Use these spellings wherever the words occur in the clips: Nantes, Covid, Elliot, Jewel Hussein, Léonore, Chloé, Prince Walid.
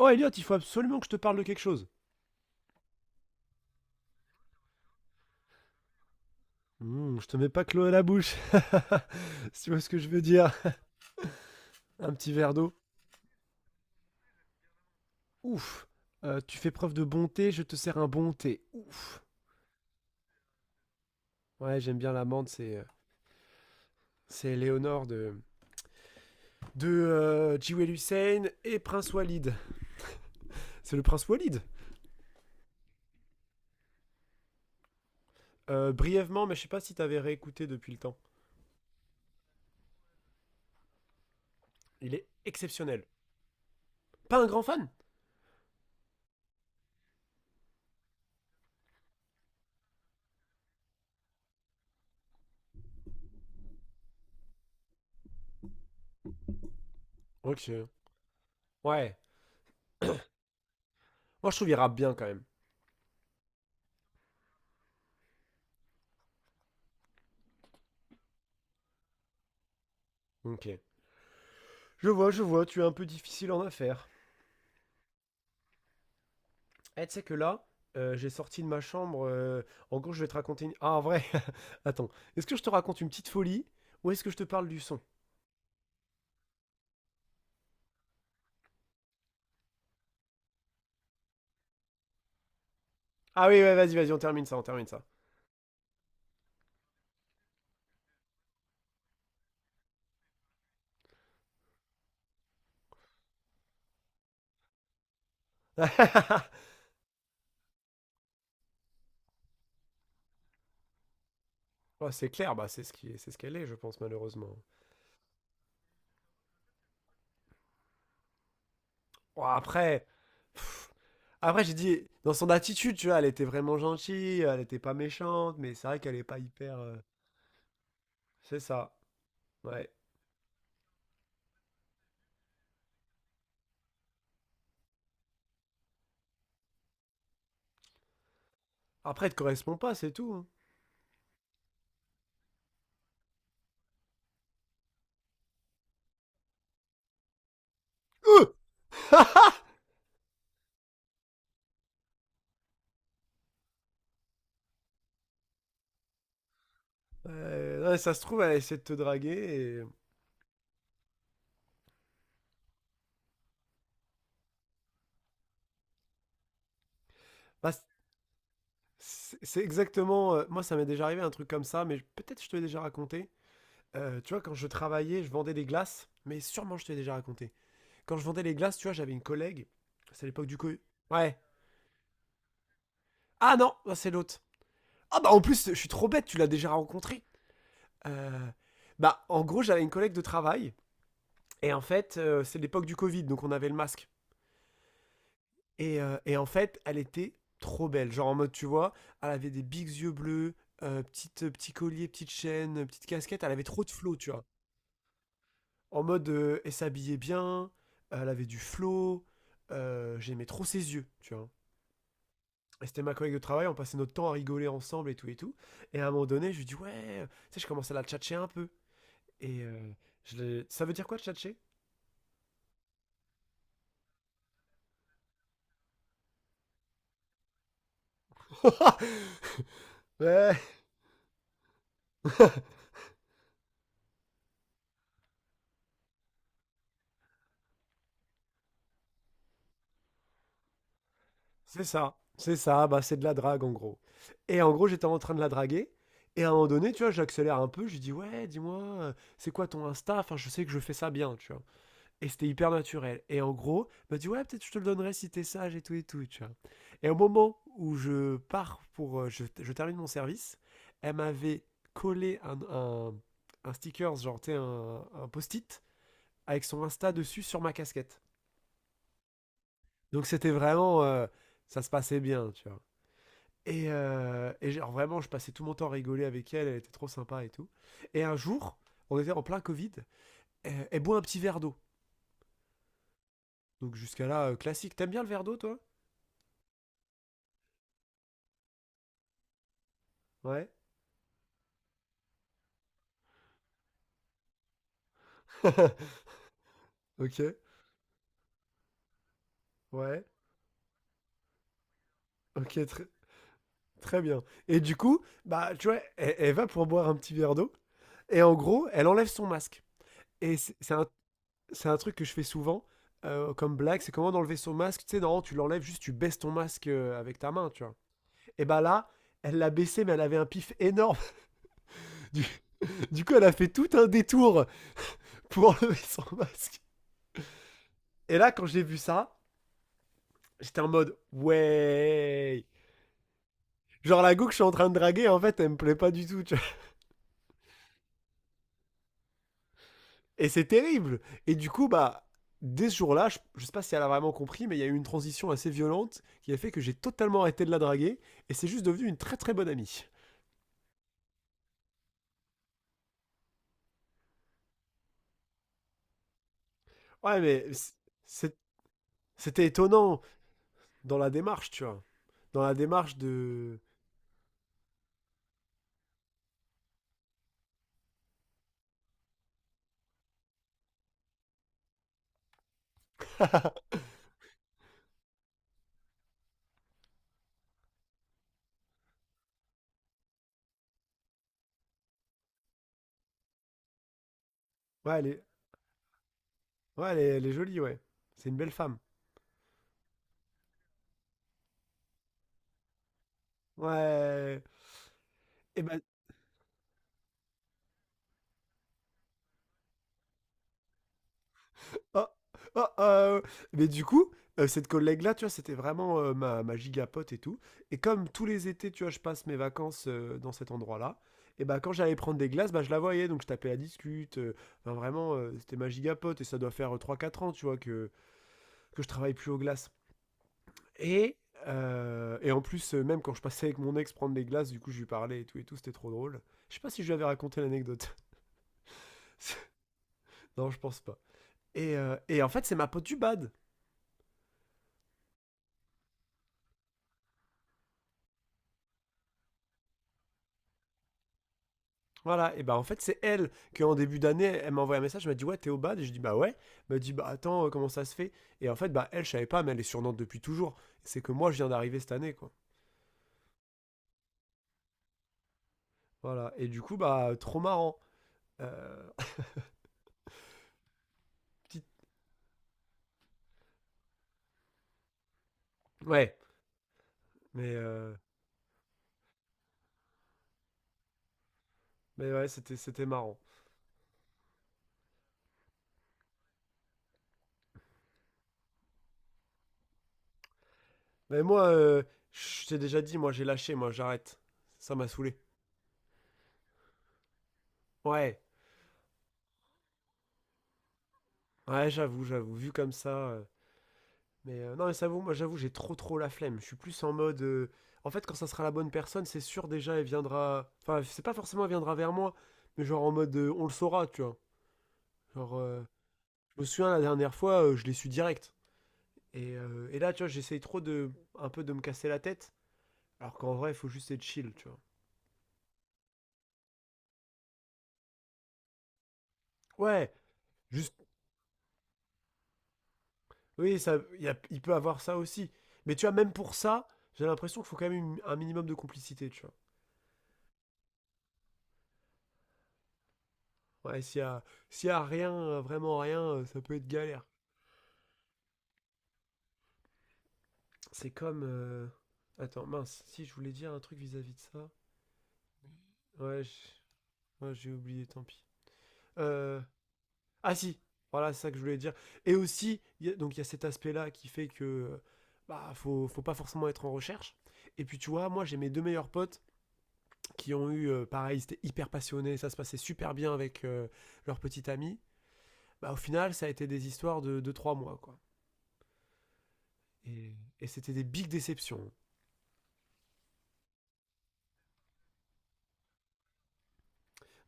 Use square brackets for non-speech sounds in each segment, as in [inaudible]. Oh Elliot, il faut absolument que je te parle de quelque chose. Hmm, je te mets pas Chloé à la bouche. [laughs] Si tu vois ce que je veux dire. Un petit verre d'eau. Ouf. Tu fais preuve de bonté, je te sers un bon thé. Ouf. Ouais, j'aime bien l'amande, c'est Léonore de Jewel Hussein et Prince Walid. C'est le Prince Walid. Brièvement, mais je sais pas si t'avais réécouté depuis le temps. Il est exceptionnel. Pas un grand fan. Ok. Ouais. Moi, je trouve il rappe bien quand même. Ok. Je vois, tu es un peu difficile en affaires. Eh, tu sais que là, j'ai sorti de ma chambre. En gros, je vais te raconter une. Ah, en vrai, [laughs] attends. Est-ce que je te raconte une petite folie ou est-ce que je te parle du son? Ah oui, ouais, vas-y, vas-y, on termine ça, on termine ça. [laughs] Oh, c'est clair, bah, c'est ce qui, c'est ce qu'elle est, je pense, malheureusement. Oh, après, pff, après, j'ai dit, dans son attitude, tu vois, elle était vraiment gentille, elle était pas méchante, mais c'est vrai qu'elle est pas hyper. C'est ça, ouais. Après, elle te correspond pas, c'est tout, hein. Ouais, ça se trouve, elle a essayé de te draguer et. Bah, c'est exactement. Moi, ça m'est déjà arrivé un truc comme ça, mais peut-être je te l'ai déjà raconté. Tu vois, quand je travaillais, je vendais des glaces, mais sûrement je te l'ai déjà raconté. Quand je vendais les glaces, tu vois, j'avais une collègue. C'est à l'époque du Covid. Ouais. Ah non, bah, c'est l'autre. Ah bah en plus, je suis trop bête, tu l'as déjà rencontré. Euh, Bah en gros, j'avais une collègue de travail, et en fait, c'est l'époque du Covid, donc on avait le masque. Et en fait, elle était trop belle. Genre en mode, tu vois, elle avait des bigs yeux bleus, petit collier, petite chaîne, petite casquette. Elle avait trop de flow, tu vois. En mode, elle s'habillait bien, elle avait du flow. J'aimais trop ses yeux, tu vois. Et c'était ma collègue de travail, on passait notre temps à rigoler ensemble et tout et tout. Et à un moment donné, je lui dis, ouais, tu sais, je commençais à la tchatcher un peu. Et euh, Ça veut dire quoi, tchatcher? [laughs] Ouais [laughs] c'est ça, bah c'est de la drague en gros. Et en gros, j'étais en train de la draguer. Et à un moment donné, tu vois, j'accélère un peu, je lui dis ouais, dis-moi, euh, c'est quoi ton Insta? Enfin, je sais que je fais ça bien, tu vois. Et c'était hyper naturel. Et en gros, elle m'a dit ouais, peut-être je te le donnerai si t'es sage et tout, tu vois. Et au moment où je pars pour, je termine mon service, elle m'avait collé un sticker, genre, tu sais, un post-it avec son Insta dessus sur ma casquette. Donc c'était vraiment, ça se passait bien, tu vois. Et genre vraiment, je passais tout mon temps à rigoler avec elle, elle était trop sympa et tout. Et un jour, on était en plein Covid, et elle boit un petit verre d'eau. Donc jusqu'à là, classique. T'aimes bien le verre d'eau, toi? Ouais. [laughs] Ok. Ouais. Ok, très, très bien. Et du coup, bah, tu vois, elle va pour boire un petit verre d'eau. Et en gros, elle enlève son masque. Et c'est un truc que je fais souvent comme blague, c'est comment d'enlever son masque. Tu sais, non, tu l'enlèves juste, tu baisses ton masque avec ta main, tu vois. Et bah là, elle l'a baissé, mais elle avait un pif énorme. Du, du coup, elle a fait tout un détour pour enlever son masque. Et là, quand j'ai vu ça, j'étais en mode ouais. Genre la go que je suis en train de draguer, en fait, elle me plaît pas du tout, tu vois. Et c'est terrible. Et du coup, bah, dès ce jour-là, je sais pas si elle a vraiment compris, mais il y a eu une transition assez violente qui a fait que j'ai totalement arrêté de la draguer. Et c'est juste devenu une très très bonne amie. Ouais, mais c'est- c'était étonnant dans la démarche, tu vois. Dans la démarche de. Ouais, elle est, ouais, elle est jolie, ouais. C'est une belle femme. Ouais. Et ben, oh, oh, ah, mais du coup, cette collègue-là, tu vois, c'était vraiment ma gigapote et tout. Et comme tous les étés, tu vois, je passe mes vacances dans cet endroit-là, et ben quand j'allais prendre des glaces, bah, je la voyais, donc je tapais la discute. Enfin, vraiment, c'était ma gigapote et ça doit faire trois quatre ans, tu vois, que je travaille plus aux glaces. Et, et en plus, même quand je passais avec mon ex prendre des glaces, du coup, je lui parlais et tout, c'était trop drôle. Je sais pas si je lui avais raconté l'anecdote. [laughs] Non, je pense pas. Et en fait, c'est ma pote du bad. Voilà, et bah en fait c'est elle que en début d'année, elle m'a envoyé un message, elle m'a dit ouais t'es au bad, et je dis bah ouais, elle m'a dit bah attends comment ça se fait, et en fait bah elle je savais pas, mais elle est sur Nantes depuis toujours, c'est que moi je viens d'arriver cette année quoi, voilà, et du coup bah trop marrant. Euh, [laughs] petite- ouais, mais euh, mais ouais c'était marrant, mais moi je t'ai déjà dit moi j'ai lâché moi j'arrête, ça m'a saoulé, ouais ouais j'avoue j'avoue vu comme ça. Mais non, mais ça vaut, moi j'avoue, j'ai trop trop la flemme. Je suis plus en mode. En fait, quand ça sera la bonne personne, c'est sûr déjà, elle viendra. Enfin, c'est pas forcément elle viendra vers moi, mais genre en mode on le saura, tu vois. Genre, je me souviens la dernière fois, je l'ai su direct. Et là, tu vois, j'essaye trop de. Un peu de me casser la tête, alors qu'en vrai, il faut juste être chill, tu vois. Ouais, juste. Oui, ça, il peut avoir ça aussi. Mais tu vois, même pour ça, j'ai l'impression qu'il faut quand même un minimum de complicité, tu vois. Ouais, s'il y a rien, vraiment rien, ça peut être galère. C'est comme. Attends, mince, si je voulais dire un truc vis-à-vis de ça. Ouais, ouais, j'ai oublié, tant pis. Euh, Ah si, voilà, c'est ça que je voulais dire. Et aussi, donc il y a cet aspect-là qui fait que. Bah, faut pas forcément être en recherche. Et puis tu vois, moi j'ai mes deux meilleurs potes qui ont eu, pareil, ils étaient hyper passionnés, ça se passait super bien avec leur petite amie. Bah au final, ça a été des histoires de 2 trois mois, quoi. Et, et c'était des big déceptions.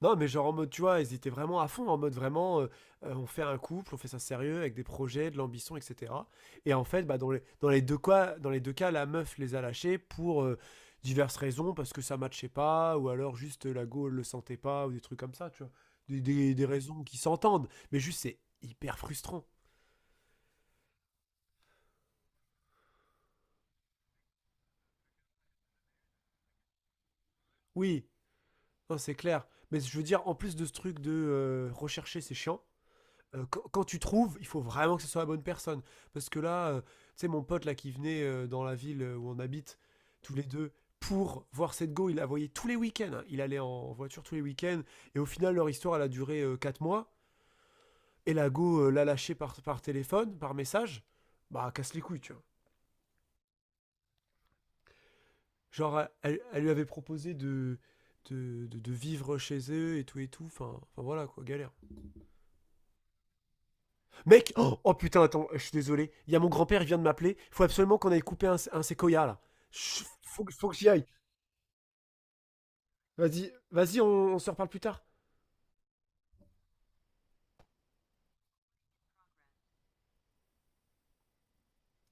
Non, mais genre en mode, tu vois, ils étaient vraiment à fond, en mode vraiment, on fait un couple, on fait ça sérieux, avec des projets, de l'ambition, etc. Et en fait, bah, dans les deux cas, dans les deux cas, la meuf les a lâchés pour diverses raisons, parce que ça matchait pas, ou alors juste la go elle le sentait pas, ou des trucs comme ça, tu vois. Des raisons qui s'entendent, mais juste c'est hyper frustrant. Oui, non, c'est clair. Mais je veux dire, en plus de ce truc de rechercher, c'est chiant. Quand tu trouves, il faut vraiment que ce soit la bonne personne. Parce que là, tu sais, mon pote là qui venait dans la ville où on habite, tous les deux, pour voir cette go, il la voyait tous les week-ends, hein. Il allait en voiture tous les week-ends. Et au final, leur histoire, elle a duré 4 mois. Et la go l'a lâchée par téléphone, par message. Bah, casse les couilles, tu vois. Genre, elle lui avait proposé de vivre chez eux et tout et tout. Enfin, voilà, quoi, galère. Mec, oh, oh, putain, attends, je suis désolé. Il y a mon grand-père, il vient de m'appeler. Faut absolument qu'on aille couper un séquoia là. Chut, faut que j'y aille. Vas-y, Vas-y, on se reparle plus tard.